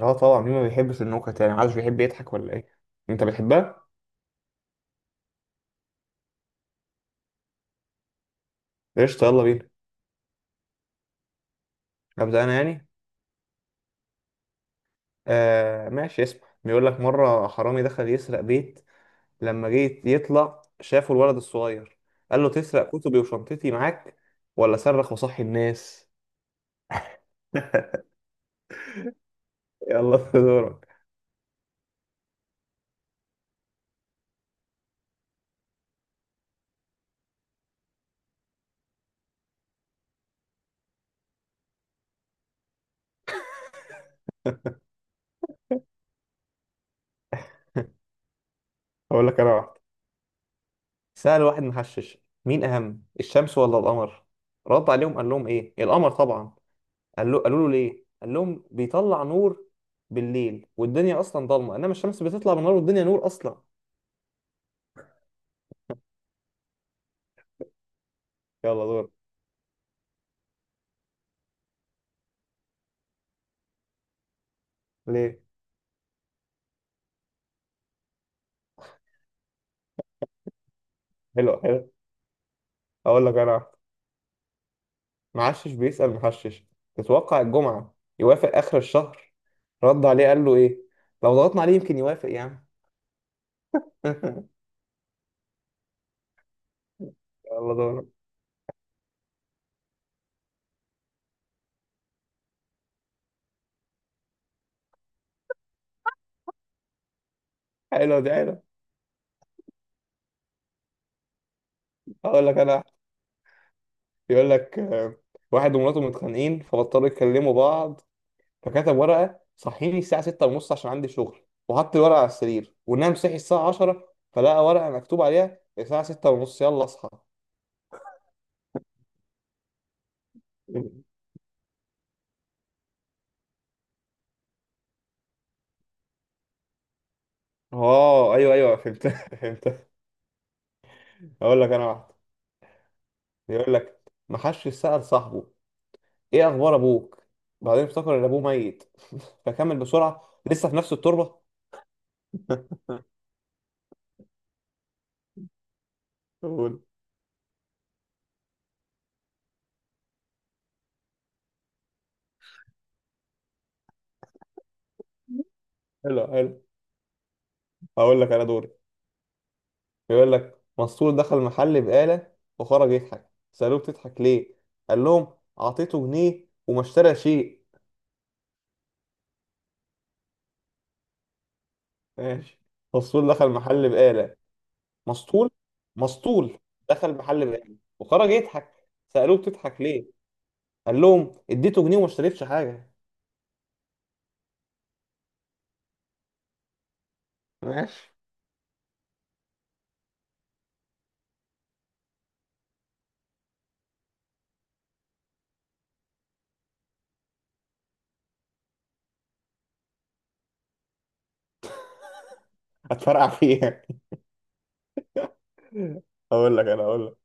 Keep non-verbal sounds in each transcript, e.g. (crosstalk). اه، طبعا. مين ما بيحبش النكت؟ يعني محدش بيحب يضحك ولا ايه؟ انت بتحبها؟ قشطه، يلا بينا. ابدا انا يعني. آه ماشي، اسمع. بيقول لك مره حرامي دخل يسرق بيت، لما جه يطلع شافه الولد الصغير. قال له: تسرق كتبي وشنطتي معاك ولا صرخ وصحي الناس؟ (laughs) يلا، في دورك. اقول لك انا واحد. سأل واحد محشش: مين اهم، الشمس ولا القمر؟ رد عليهم قال لهم: ايه، القمر طبعا. قال له قالوا له: ليه؟ قال لهم: بيطلع نور بالليل والدنيا اصلا ضلمه، انما الشمس بتطلع بالنهار والدنيا نور اصلا. يلا دور. ليه؟ حلو حلو. اقول لك انا واحدة. معشش بيسأل محشش: تتوقع الجمعه يوافق اخر الشهر؟ رد عليه قال له: ايه؟ لو ضغطنا عليه يمكن يوافق يعني. (laughs) يلا دور. حلو دي، حلو. اقول لك انا واحدة. بيقول لك واحد ومراته متخانقين فبطلوا يكلموا بعض، فكتب ورقة: صحيني الساعة 6:30 عشان عندي شغل، وحط الورقة على السرير ونام. صحي الساعة 10 فلقى ورقة مكتوب عليها: الساعة 6:30 يلا اصحى. اه ايوه ايوه، فهمت. (laughs) فهمت. اقول لك انا واحد. بيقول لك ما حدش سأل صاحبه: ايه اخبار ابوك؟ بعدين افتكر ان ابوه ميت، فكمل بسرعة: لسه في نفس التربة. قول. حلو حلو. هقول لك انا دوري. بيقول لك مسطول دخل محل بقالة وخرج يضحك. سألوه: بتضحك ليه؟ قال لهم: اعطيته جنيه وما اشترى شيء. ماشي، مسطول دخل محل بقالة. مسطول. مسطول دخل محل بقالة وخرج يضحك. سألوه: بتضحك ليه؟ قال لهم: اديته جنيه وما اشتريتش حاجة. ماشي. هتفرقع فيها. اقول لك انا، اقول لك،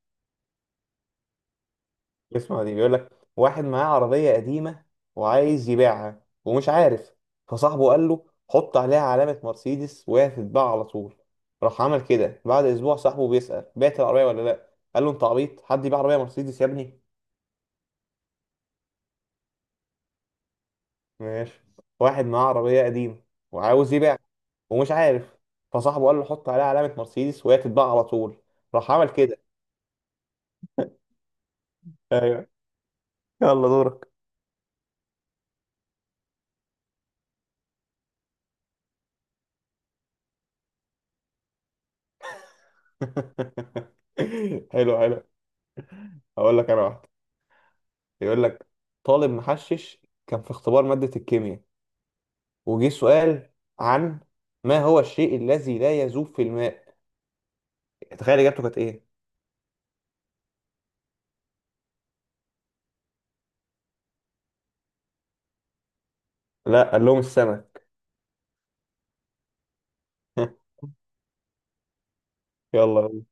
اسمع دي. بيقول لك واحد معاه عربية قديمة وعايز يبيعها ومش عارف. فصاحبه قال له: حط عليها علامة مرسيدس وهي هتتباع على طول. راح عمل كده. بعد اسبوع صاحبه بيسأل: بعت العربية ولا لا؟ قال له: انت عبيط، حد يبيع عربية مرسيدس يا ابني؟ ماشي. واحد معاه عربية قديمة وعاوز يبيع ومش عارف. فصاحبه قال له: حط عليها علامة مرسيدس وهي تتباع على طول. راح عمل كده. ايوه. يلا دورك. (laughs) حلو حلو. هقول لك انا واحدة. يقول لك طالب محشش كان في اختبار مادة الكيمياء، وجه سؤال عن: ما هو الشيء الذي لا يذوب في الماء؟ تخيل اجابته كانت ايه. لا، قال لهم: السمك. (laughs) يلا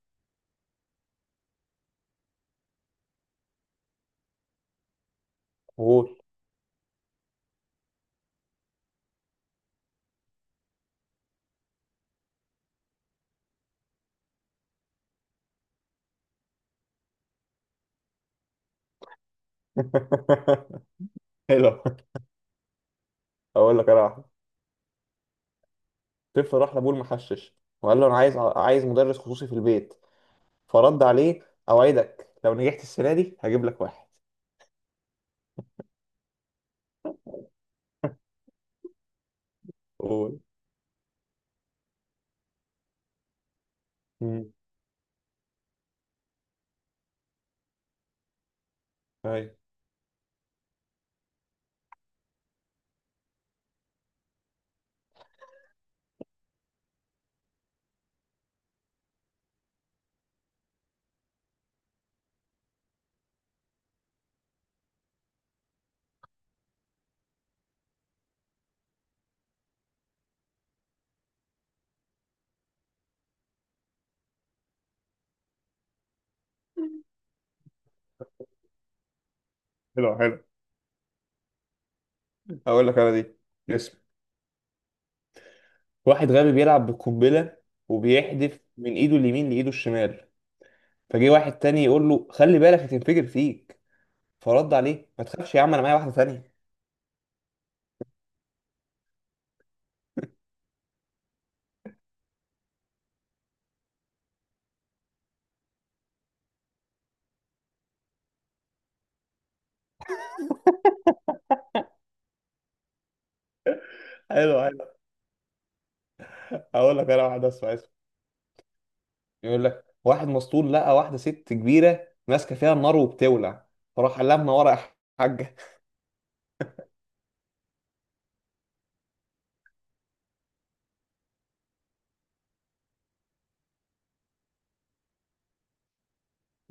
قول. (laughs) حلو. هقول لك انا واحدة. طفل راح لابوه المحشش وقال له: انا عايز مدرس خصوصي في البيت. فرد عليه: اوعدك لو نجحت السنه دي هجيب لك واحد. قول. امم ايوه حلو حلو. هقول لك انا دي، اسم واحد غبي بيلعب بالقنبله وبيحدف من ايده اليمين لايده الشمال. فجه واحد تاني يقول له: خلي بالك هتنفجر فيك. فرد عليه: ما تخافش يا عم، انا معايا واحده تانيه. حلو حلو. هقول لك انا واحده، اسمع اسمه. يقول لك واحد مسطول لقى واحده ست كبيره ماسكه فيها النار وبتولع، فراح لما ورا حاجه.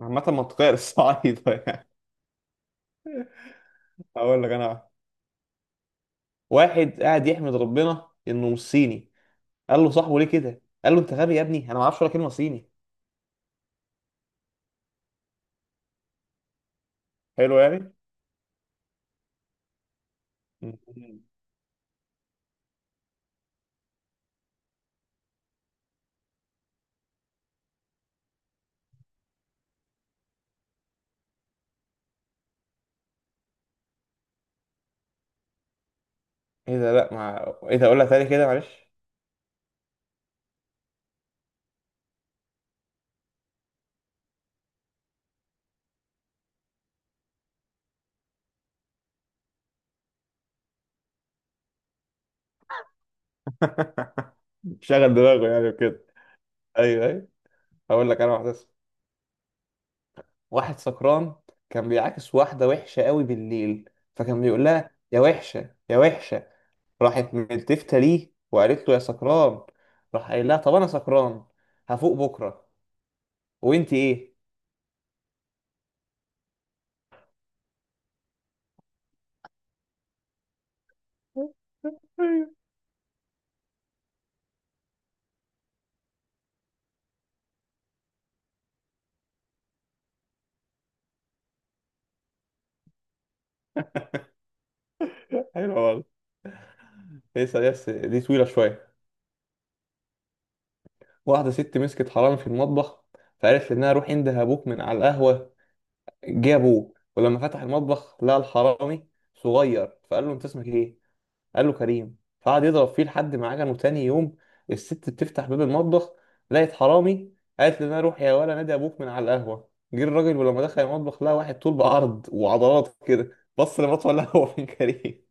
عامة منطقية (laughs) للصعايدة يعني. هقول لك أنا واحد. واحد قاعد يحمد ربنا إنه مش صيني. قال له صاحبه: ليه كده؟ قال له: أنت غبي يا ابني، أنا ما أعرفش ولا كلمة صيني. حلو يعني؟ مم. إيه ده؟ لأ، ما إيه ده، أقولها تاني كده معلش. (laughs) شغل دماغه يعني وكده. أيوه أيوه. هقول لك أنا واحدة اسمها. واحد سكران كان بيعاكس واحدة وحشة قوي بالليل، فكان بيقول لها: يا وحشة يا وحشة. راحت ملتفتة ليه وقالت له: يا سكران. راح قايل لها: طب أنا سكران هفوق بكرة، وأنت إيه؟ حلوة والله. لسه لسه، دي طويلة شوية. واحدة ست مسكت حرامي في المطبخ، فقالت لابنها: روح انده ابوك من على القهوة. جه ابوه ولما فتح المطبخ لقى الحرامي صغير، فقال له: انت اسمك ايه؟ قال له: كريم. فقعد يضرب فيه لحد ما عجنه. تاني يوم الست بتفتح باب المطبخ، لقيت حرامي. قالت لابنها: روح يا ولا نادي ابوك من على القهوة. جه الراجل ولما دخل المطبخ لقى واحد طول بعرض وعضلات كده، بص لمطوه القهوة: فين كريم؟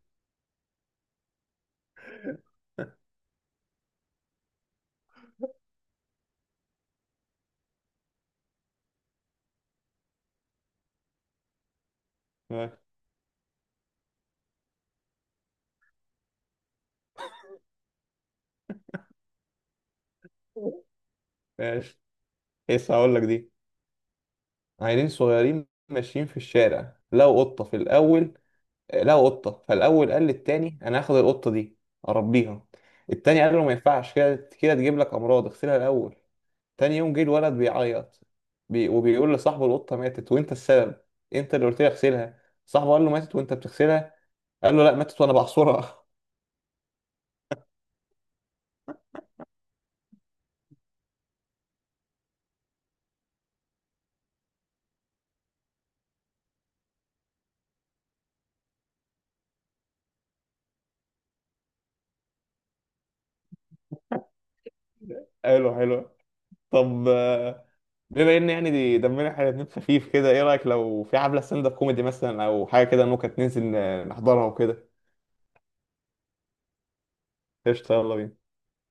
(laughs) ماشي. لسه هقول لك دي. عيلين صغيرين ماشيين في الشارع، لقوا قطة في الأول. لقوا قطة فالأول قال للتاني: أنا هاخد القطة دي أربيها. التاني قال له: ما ينفعش كده، كده تجيب لك أمراض، اغسلها الأول. تاني يوم جه الولد بيعيط، وبيقول لصاحبه: القطة ماتت وأنت السبب، أنت اللي قلت لي أغسلها. صاحبه قال له: ماتت وأنت بتغسلها؟ قال له: لا، ماتت وأنا بعصرها. (laughs) قال له حلو. طب بما ان يعني دي دمنا احنا الـ2 خفيف كده، ايه رايك لو في حفله ستاند اب كوميدي مثلا او حاجه كده ممكن ننزل نحضرها وكده؟ قشطه، يلا بينا.